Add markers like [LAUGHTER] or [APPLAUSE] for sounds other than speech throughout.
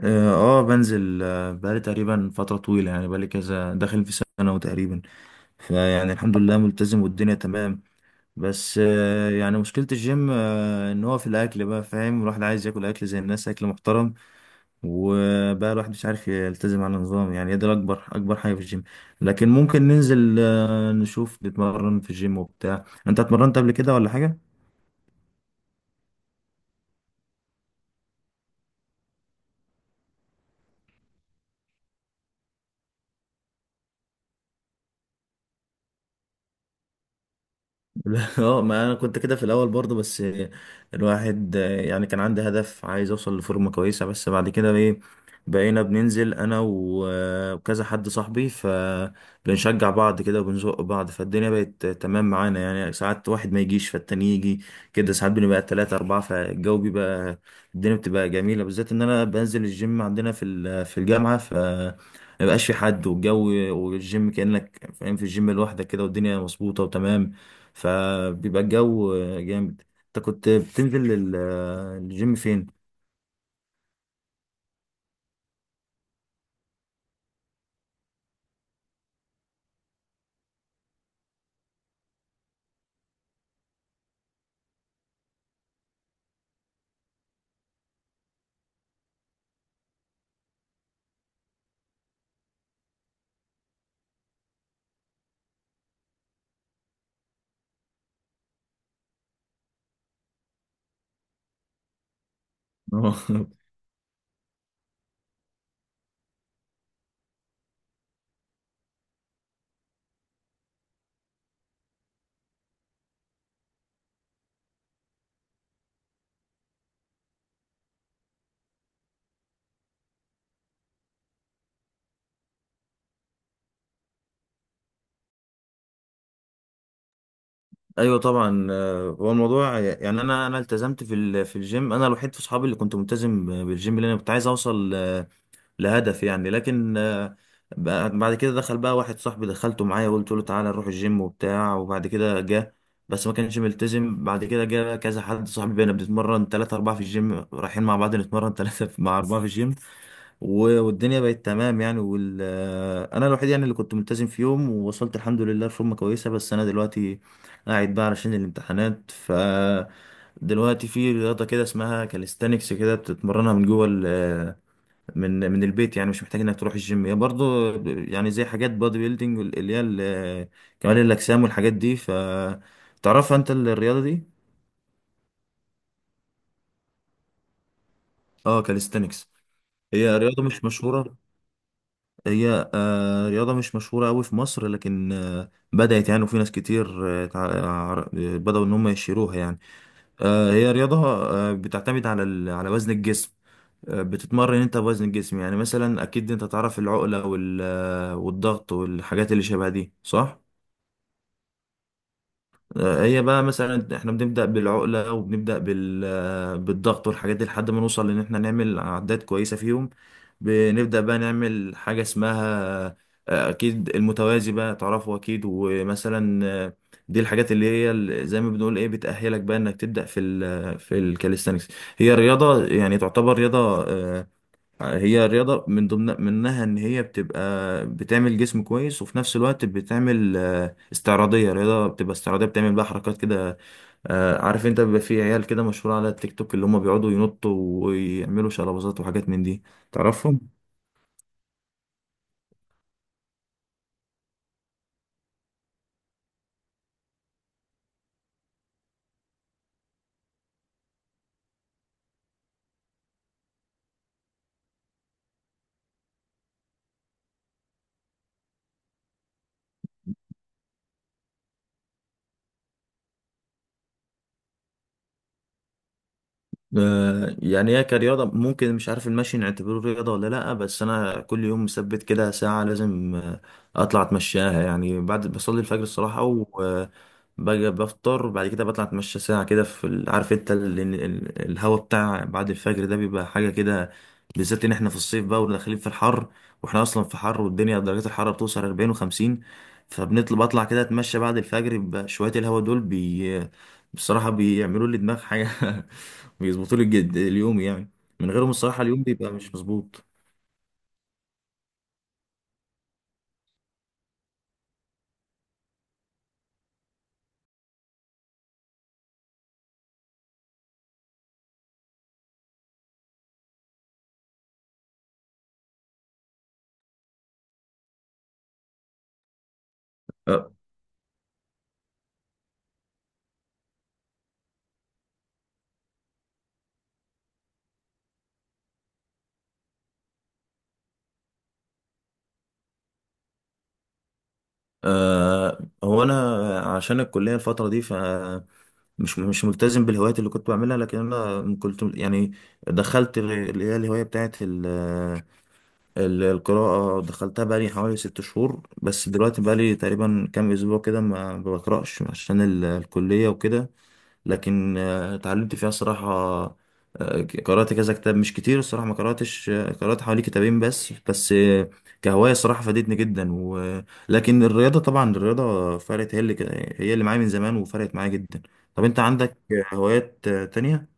اه بنزل بقالي تقريبا فترة طويلة، يعني بقالي كذا داخل في سنة وتقريبا، فيعني الحمد لله ملتزم والدنيا تمام. بس يعني مشكلة الجيم ان هو في الاكل، بقى فاهم الواحد عايز ياكل اكل زي الناس، اكل محترم، وبقى الواحد مش عارف يلتزم على النظام. يعني ده اكبر حاجة في الجيم. لكن ممكن ننزل نشوف نتمرن في الجيم وبتاع. انت اتمرنت قبل كده ولا حاجة؟ [LAUGHS] لا، اه، ما انا كنت كده في الاول برضه. بس الواحد يعني كان عندي هدف، عايز اوصل لفورمه كويسه. بس بعد كده ايه، بقينا بننزل انا و- آه، وكذا حد صاحبي، فبنشجع بعض كده وبنزق بعض، فالدنيا بقت تمام معانا. يعني ساعات واحد ما يجيش فالتاني يجي كده، ساعات بنبقى تلاتة أربعة، فالجو بيبقى، الدنيا بتبقى جميلة، بالذات إن أنا بنزل الجيم عندنا في الجامعة. مبقاش في حد، والجو والجيم كأنك فاهم في الجيم لوحدك كده، والدنيا مظبوطة وتمام، فبيبقى الجو جامد. انت كنت بتنزل الجيم فين؟ اه. [LAUGHS] ايوه طبعا، هو الموضوع يعني انا التزمت في الجيم، انا الوحيد في اصحابي اللي كنت ملتزم بالجيم، لان انا كنت عايز اوصل لهدف يعني. لكن بعد كده دخل بقى واحد صاحبي، دخلته معايا وقلت له تعالى نروح الجيم وبتاع. وبعد كده جه، بس ما كانش ملتزم. بعد كده جه كذا حد صاحبي، بقينا بنتمرن ثلاثة أربعة في الجيم، رايحين مع بعض نتمرن ثلاثة مع أربعة في الجيم، والدنيا بقت تمام يعني. وال... آه، انا الوحيد يعني اللي كنت ملتزم في يوم، ووصلت الحمد لله لفورمه كويسه. بس انا دلوقتي قاعد بقى علشان الامتحانات. دلوقتي في رياضه كده اسمها كاليستانكس، كده بتتمرنها من جوه من البيت، يعني مش محتاج انك تروح الجيم. هي برضه يعني زي حاجات بادي بيلدينج، اللي هي كمال الاجسام والحاجات دي. ف تعرفها انت الرياضه دي؟ اه كاليستانكس. هي رياضه مش مشهوره، هي آه، رياضة مش مشهورة أوي في مصر، لكن بدأت يعني، وفي ناس كتير بدأوا إن هم يشيروها يعني. هي رياضة بتعتمد على على وزن الجسم. بتتمرن أنت بوزن الجسم، يعني مثلا أكيد أنت تعرف العقلة وال- آه، والضغط والحاجات اللي شبه دي، صح؟ هي بقى مثلا احنا بنبدأ بالعقلة، وبنبدأ بالضغط والحاجات دي، لحد ما نوصل لان احنا نعمل عدات كويسة فيهم. بنبدأ بقى نعمل حاجة اسمها، اكيد المتوازي بقى تعرفه اكيد، ومثلا دي الحاجات اللي هي زي ما بنقول ايه، بتأهلك بقى انك تبدأ في ال في الكاليستانكس. هي رياضة يعني، تعتبر رياضة، آه، هي رياضة من ضمن منها إن هي بتبقى بتعمل جسم كويس، وفي نفس الوقت بتعمل استعراضية، رياضة بتبقى استعراضية، بتعمل بقى حركات كده. عارف أنت بيبقى في عيال كده مشهورة على التيك توك، اللي هم بيقعدوا ينطوا ويعملوا شلبازات وحاجات من دي. تعرفهم؟ يعني هي كرياضة. ممكن مش عارف المشي نعتبره رياضة ولا لأ، بس أنا كل يوم مثبت كده ساعة لازم أطلع أتمشاها يعني. بعد بصلي الفجر الصراحة، وباجي بفطر، بعد كده بطلع أتمشى ساعة كده في عارف أنت الهوا بتاع بعد الفجر ده بيبقى حاجة كده، بالذات إن إحنا في الصيف بقى وداخلين في الحر، وإحنا أصلا في حر، والدنيا درجات الحرارة بتوصل 40 و50. بطلع كده أتمشى بعد الفجر بشوية، الهوا دول بصراحة بيعملوا لي دماغ حاجة. [LAUGHS] بيظبطوا لي الجد اليوم يعني، من غيرهم الصراحة اليوم بيبقى مش مظبوط. أه. أه. هو أنا عشان الكلية الفترة دي، مش ملتزم بالهوايات اللي كنت بعملها. لكن انا كنت يعني دخلت اللي هي الهوايه بتاعت القراءه، دخلتها بقالي حوالي ست شهور. بس دلوقتي بقالي تقريبا كام اسبوع كده ما بقراش، عشان الكليه وكده. لكن اتعلمت فيها صراحة. قرأت كذا كتاب، مش كتير الصراحة ما قرأتش، قرأت حوالي كتابين بس، كهواية صراحة فادتني جدا. و... لكن الرياضة طبعا، الرياضة فرقت، هي اللي هي اللي معايا من زمان، وفرقت معايا جدا. طب انت عندك هوايات تانية؟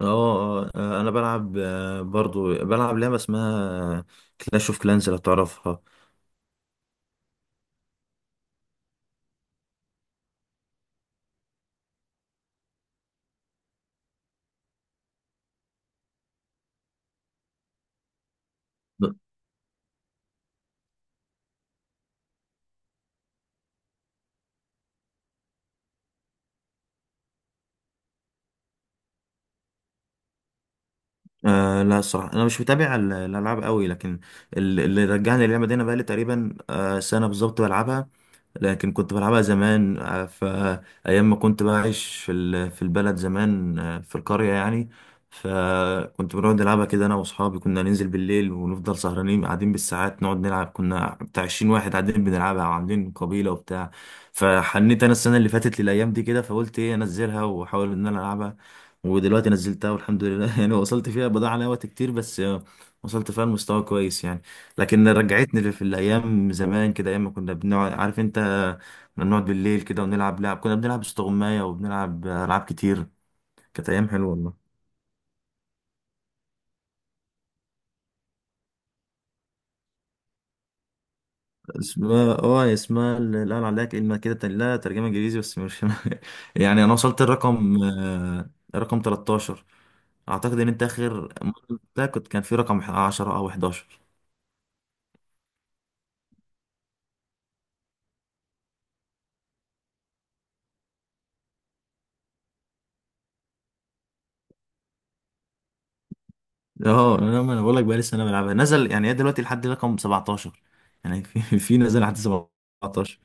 اه انا بلعب برضو بلعب لعبة اسمها كلاش اوف كلانز، لو تعرفها. آه لا الصراحة أنا مش متابع الألعاب قوي، لكن اللي رجعني اللعبة دي، أنا بقالي تقريبا آه سنة بالظبط بلعبها، لكن كنت بلعبها زمان آه، فأيام ما كنت بعيش في البلد زمان آه، في القرية يعني. فكنت بنقعد نلعبها كده أنا وأصحابي، كنا ننزل بالليل ونفضل سهرانين قاعدين بالساعات نقعد نلعب، كنا بتاع 20 واحد قاعدين بنلعبها، وعاملين قبيلة وبتاع. فحنيت أنا السنة اللي فاتت للأيام دي كده، فقلت إيه أنزلها وأحاول إن أنا ألعبها. ودلوقتي نزلتها والحمد لله. [LAUGHS] يعني وصلت فيها، بضاعة عليها وقت كتير، بس وصلت فيها لمستوى كويس يعني. لكن رجعتني لف- في الأيام زمان كده، أيام ما كنا بنقعد، عارف أنت كنا بنقعد بالليل كده ونلعب لعب، كنا بنلعب استغماية وبنلعب ألعاب كتير. كانت أيام حلوة والله. اسمها اه اسمها، لا أنا عليها كلمة كده لا ترجمة إنجليزي بس مش [LAUGHS] يعني. أنا وصلت الرقم رقم 13. أعتقد إن أنت آخر مرة لعبتها كنت كان في رقم 10 أو 11. اه، ما انا بقول لك بقى، لسه انا بلعبها، نزل يعني، هي دلوقتي لحد رقم 17 يعني. في [LAUGHS] في نزل لحد 17.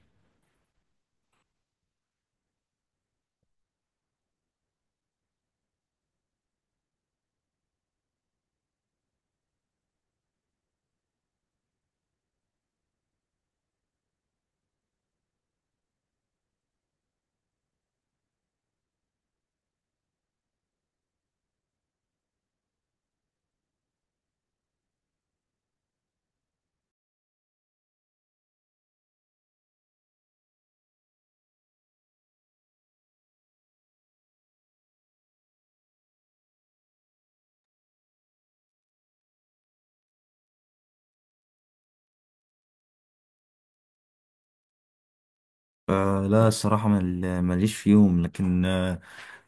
الصراحه ماليش فيهم. لكن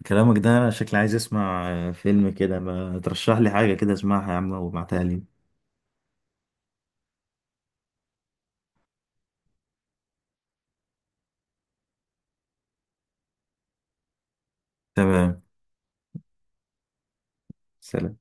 كلامك ده انا شكلي عايز اسمع فيلم كده، ما ترشح لي حاجه كده اسمعها يا عم وابعتها لي. تمام. سلام.